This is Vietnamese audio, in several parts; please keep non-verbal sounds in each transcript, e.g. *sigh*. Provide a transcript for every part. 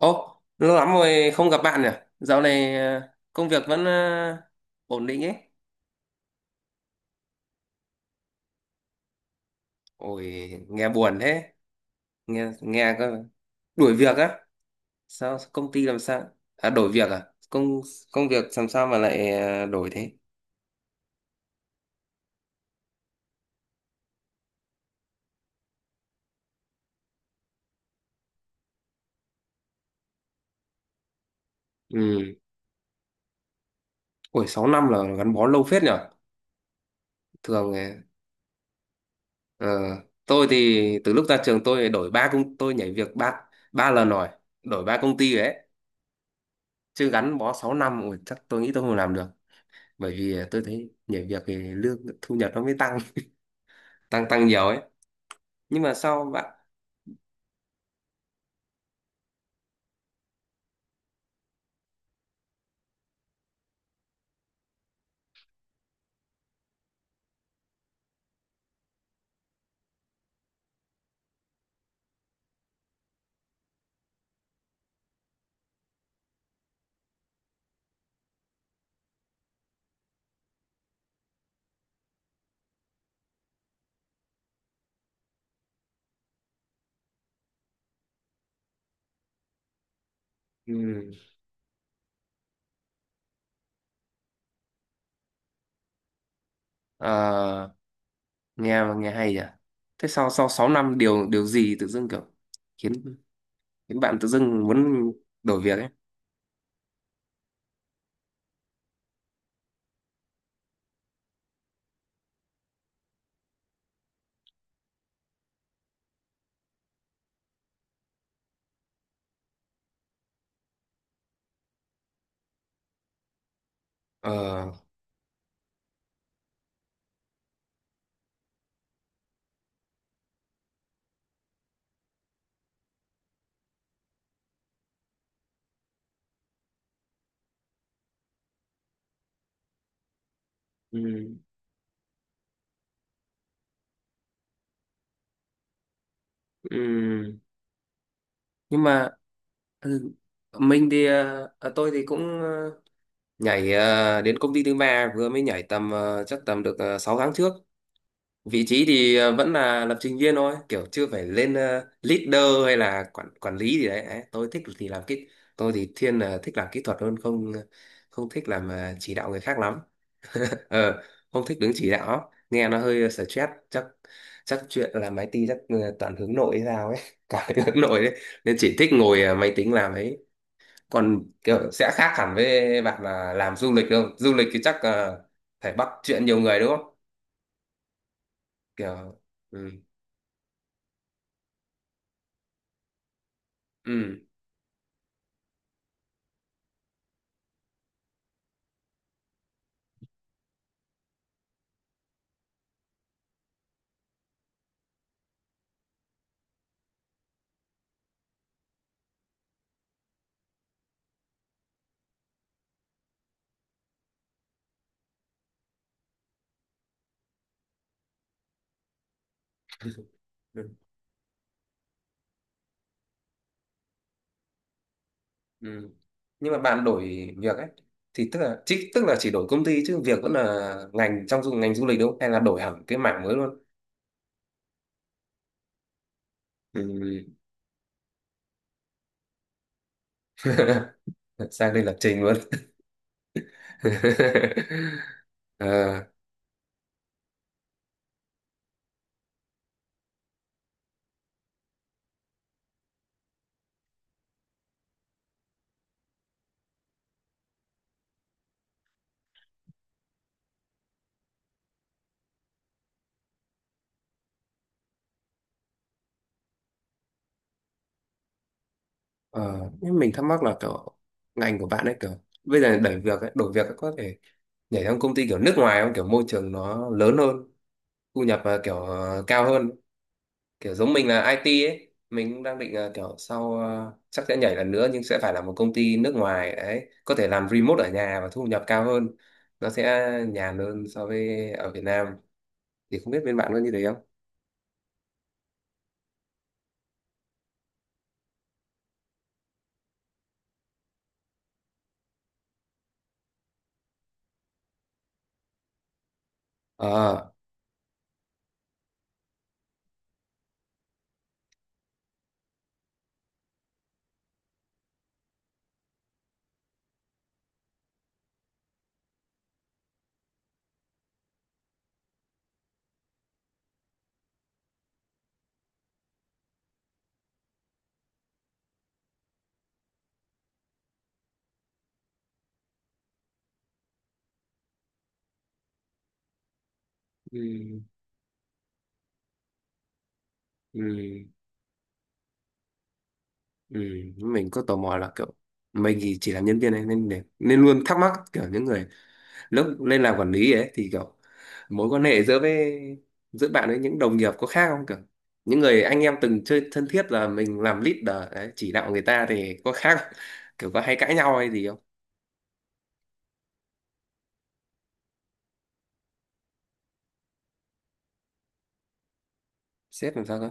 Ô, lâu lắm rồi không gặp bạn nhỉ? Dạo này công việc vẫn ổn định ấy. Ôi, nghe buồn thế. Nghe nghe cơ. Đuổi việc á? Sao công ty làm sao? À đổi việc à? Công công việc làm sao mà lại đổi thế? Ừ. Ôi, 6 năm là gắn bó lâu phết nhỉ. Thường thì, ờ, tôi thì từ lúc ra trường tôi nhảy việc ba ba lần rồi, đổi 3 công ty rồi đấy. Chứ gắn bó 6 năm ôi, chắc tôi nghĩ tôi không làm được. Bởi vì tôi thấy nhảy việc thì lương thu nhập nó mới tăng *laughs* tăng tăng nhiều ấy, nhưng mà sau bạn ừ. ờ, nghe nghe hay nhỉ, thế sau sau 6 năm điều điều gì tự dưng kiểu khiến khiến bạn tự dưng muốn đổi việc ấy? ờ ừ. Ừ. Nhưng mà ừ, mình thì ờ, ờ, tôi thì cũng nhảy đến công ty thứ ba, vừa mới nhảy tầm chắc tầm được 6 tháng trước. Vị trí thì vẫn là lập trình viên thôi, kiểu chưa phải lên leader hay là quản quản lý gì đấy. Đấy, tôi thì thiên là thích làm kỹ thuật hơn, không thích làm chỉ đạo người khác lắm. ờ Không thích đứng chỉ đạo, nghe nó hơi stress chắc. Chuyện làm IT chắc toàn hướng nội hay sao ấy. *laughs* Cả hướng nội đấy. Nên chỉ thích ngồi máy tính làm ấy. Còn kiểu sẽ khác hẳn với bạn là làm du lịch, không du lịch thì chắc phải bắt chuyện nhiều người đúng không? Kiểu ừ, ừ, ừ. Ừ. Nhưng mà bạn đổi việc ấy thì tức là chỉ, đổi công ty chứ việc vẫn là ngành trong ngành du lịch đúng không? Hay là đổi hẳn cái mảng mới luôn? Ừ. *laughs* Sang đây lập trình luôn. *laughs* Ờ, ờ. Nhưng mình thắc mắc là kiểu ngành của bạn ấy, kiểu bây giờ đẩy việc ấy, đổi việc ấy, có thể nhảy sang công ty kiểu nước ngoài không? Kiểu môi trường nó lớn hơn, thu nhập kiểu cao hơn. Kiểu giống mình là IT ấy, mình cũng đang định kiểu sau chắc sẽ nhảy lần nữa nhưng sẽ phải là một công ty nước ngoài đấy, có thể làm remote ở nhà và thu nhập cao hơn, nó sẽ nhàn hơn so với ở Việt Nam. Thì không biết bên bạn có như thế không. ờ ừ, ừ, ừ. Mình có tò mò là kiểu mình thì chỉ làm nhân viên này nên nên luôn thắc mắc kiểu những người lúc lên làm quản lý ấy thì kiểu mối quan hệ giữa với bạn với những đồng nghiệp có khác không, kiểu những người anh em từng chơi thân thiết là mình làm leader đấy, chỉ đạo người ta thì có khác không? Kiểu có hay cãi nhau hay gì không? Sếp làm sao cơ?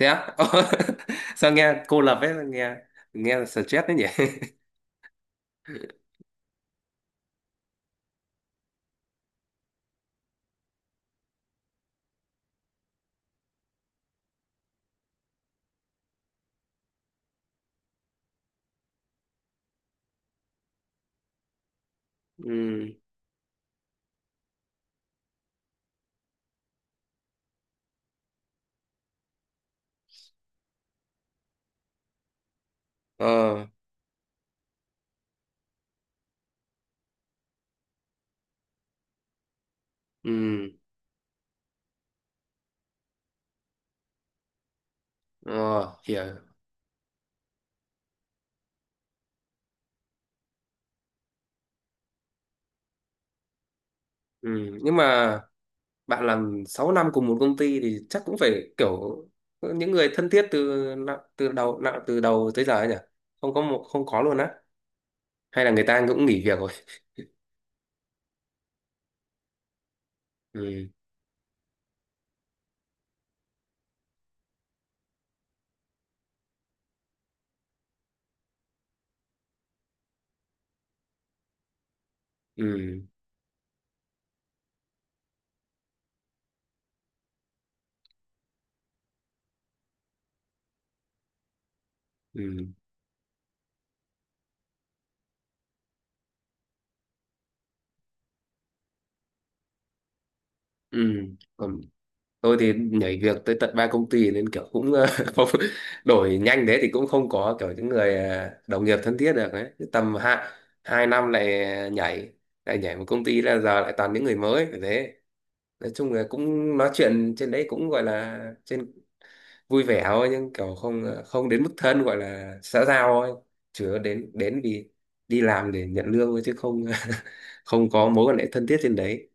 Thế á? *laughs* Ồ, sao nghe cô lập ấy, nghe nghe là stress đấy nhỉ. *laughs* Ừ. ờ ừ. ờ Hiểu. Ừ, nhưng mà bạn làm 6 năm cùng một công ty thì chắc cũng phải kiểu những người thân thiết từ nạ- từ đầu tới giờ ấy nhỉ? Không có một, không có luôn á? Hay là người ta cũng nghỉ việc rồi? Ừ, ừ, ừ, ừ. Còn tôi thì nhảy việc tới tận 3 công ty nên kiểu cũng *laughs* không, đổi nhanh thế thì cũng không có kiểu những người đồng nghiệp thân thiết được đấy. Cứ tầm hai hai năm lại nhảy, một công ty là giờ lại toàn những người mới phải thế. Nói chung là cũng nói chuyện trên đấy cũng gọi là trên vui vẻ thôi, nhưng kiểu không không đến mức thân, gọi là xã giao thôi, chứ đến đến vì đi làm để nhận lương thôi chứ không *laughs* không có mối quan hệ thân thiết trên đấy.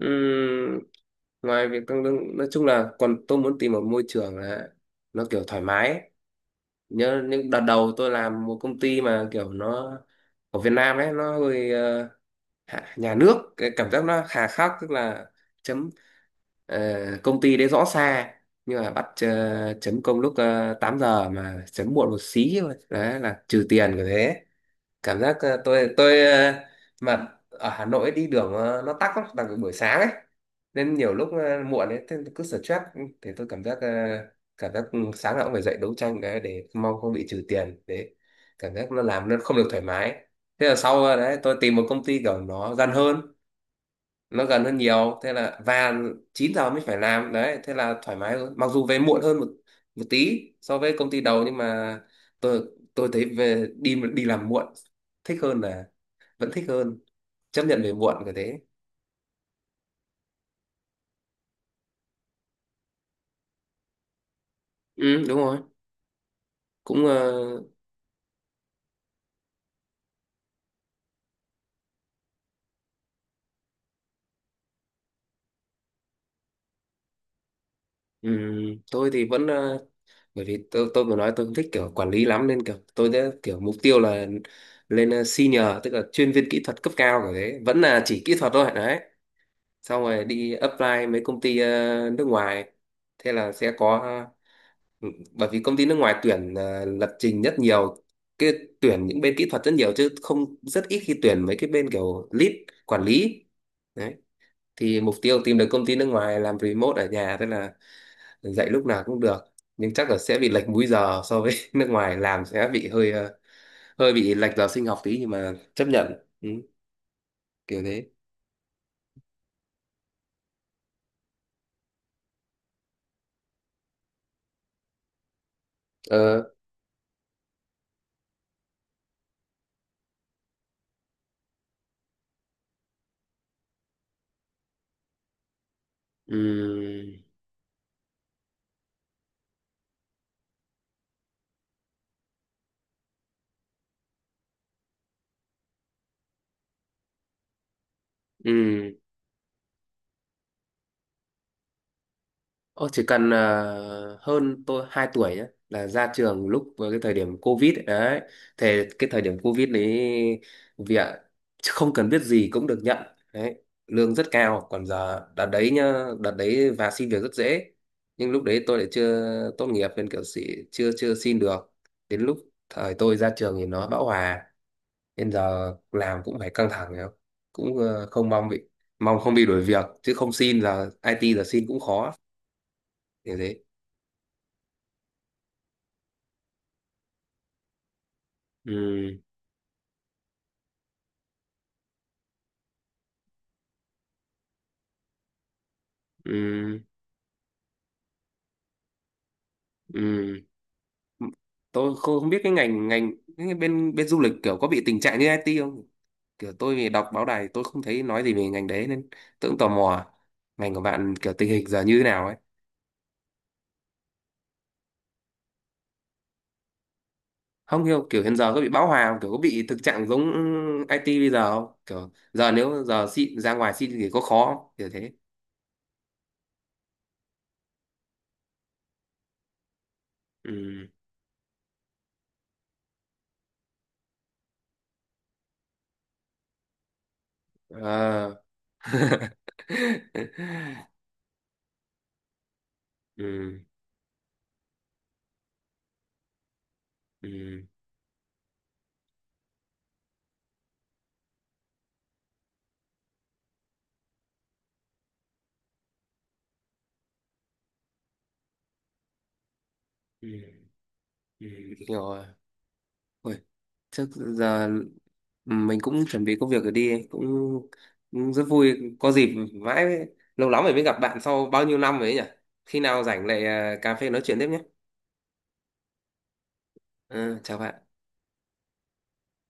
Ừm, Ngoài việc tăng lương, nói chung là còn tôi muốn tìm một môi trường là nó kiểu thoải mái ấy. Nhớ những đợt đầu tôi làm một công ty mà kiểu nó ở Việt Nam ấy nó hơi nhà nước, cái cảm giác nó hà khắc, tức là chấm Ờ, công ty đấy rõ xa nhưng mà bắt chấm công lúc 8 giờ mà chấm muộn một xí thôi đấy là trừ tiền của thế. Cảm giác tôi mà ở Hà Nội đi đường nó tắc lắm, đặc biệt buổi sáng ấy, nên nhiều lúc muộn ấy thế cứ stress. Thì tôi cảm giác sáng nào cũng phải dậy đấu tranh cái để mong không bị trừ tiền đấy, cảm giác nó làm nó không được thoải mái. Thế là sau đấy tôi tìm một công ty kiểu nó gian hơn, nó gần hơn nhiều, thế là và 9 giờ mới phải làm đấy, thế là thoải mái hơn, mặc dù về muộn hơn một một tí so với công ty đầu nhưng mà tôi tôi thấy về đi đi làm muộn thích hơn là thích hơn, chấp nhận về muộn cái thế. Ừ, đúng rồi. Cũng tôi thì vẫn bởi vì tôi vừa nói tôi không thích kiểu quản lý lắm nên kiểu tôi đã kiểu mục tiêu là lên senior, tức là chuyên viên kỹ thuật cấp cao, cái thế vẫn là chỉ kỹ thuật thôi đấy. Xong rồi đi apply mấy công ty nước ngoài thế là sẽ có. Ừ, bởi vì công ty nước ngoài tuyển lập trình rất nhiều, cái tuyển những bên kỹ thuật rất nhiều chứ không, rất ít khi tuyển mấy cái bên kiểu lead, quản lý đấy. Thì mục tiêu tìm được công ty nước ngoài làm remote ở nhà, tức là dạy lúc nào cũng được, nhưng chắc là sẽ bị lệch múi giờ so với *laughs* nước ngoài làm, sẽ bị hơi hơi bị lệch giờ sinh học tí nhưng mà chấp nhận. Ừ, kiểu thế. ờ ừ, ừ. Ồ, chỉ cần hơn tôi 2 tuổi nhé, là ra trường lúc với cái thời điểm Covid ấy. Đấy, thì cái thời điểm Covid đấy việc không cần biết gì cũng được nhận đấy, lương rất cao. Còn giờ, đợt đấy nhá, đợt đấy và xin việc rất dễ, nhưng lúc đấy tôi lại chưa tốt nghiệp nên kiểu sĩ, chưa chưa xin được. Đến lúc thời tôi ra trường thì nó bão hòa, nên giờ làm cũng phải căng thẳng hiểu không. Cũng không mong bị mong không bị đuổi việc chứ không xin, là IT giờ xin cũng khó như thế. Ừ, ừ, ừ. Tôi không không biết cái ngành ngành cái bên bên du lịch kiểu có bị tình trạng như IT không. Kiểu tôi vì đọc báo đài tôi không thấy nói gì về ngành đấy nên tôi cũng tò mò ngành của bạn kiểu tình hình giờ như thế nào ấy. Không hiểu kiểu hiện giờ có bị bão hòa không? Kiểu có bị thực trạng giống IT bây giờ không, kiểu giờ nếu giờ xin ra ngoài xin thì có khó không? Kiểu thế. Ừ, à. *laughs* Ừ, ừ, ừ, ừ. Hiểu rồi. Ôi, trước giờ. Ừ, mình cũng chuẩn bị công việc rồi đi, cũng rất vui có dịp, mãi mới- lâu lắm rồi mới gặp bạn sau bao nhiêu năm rồi ấy nhỉ. Khi nào rảnh lại cà phê nói chuyện tiếp nhé. Ừ, chào bạn.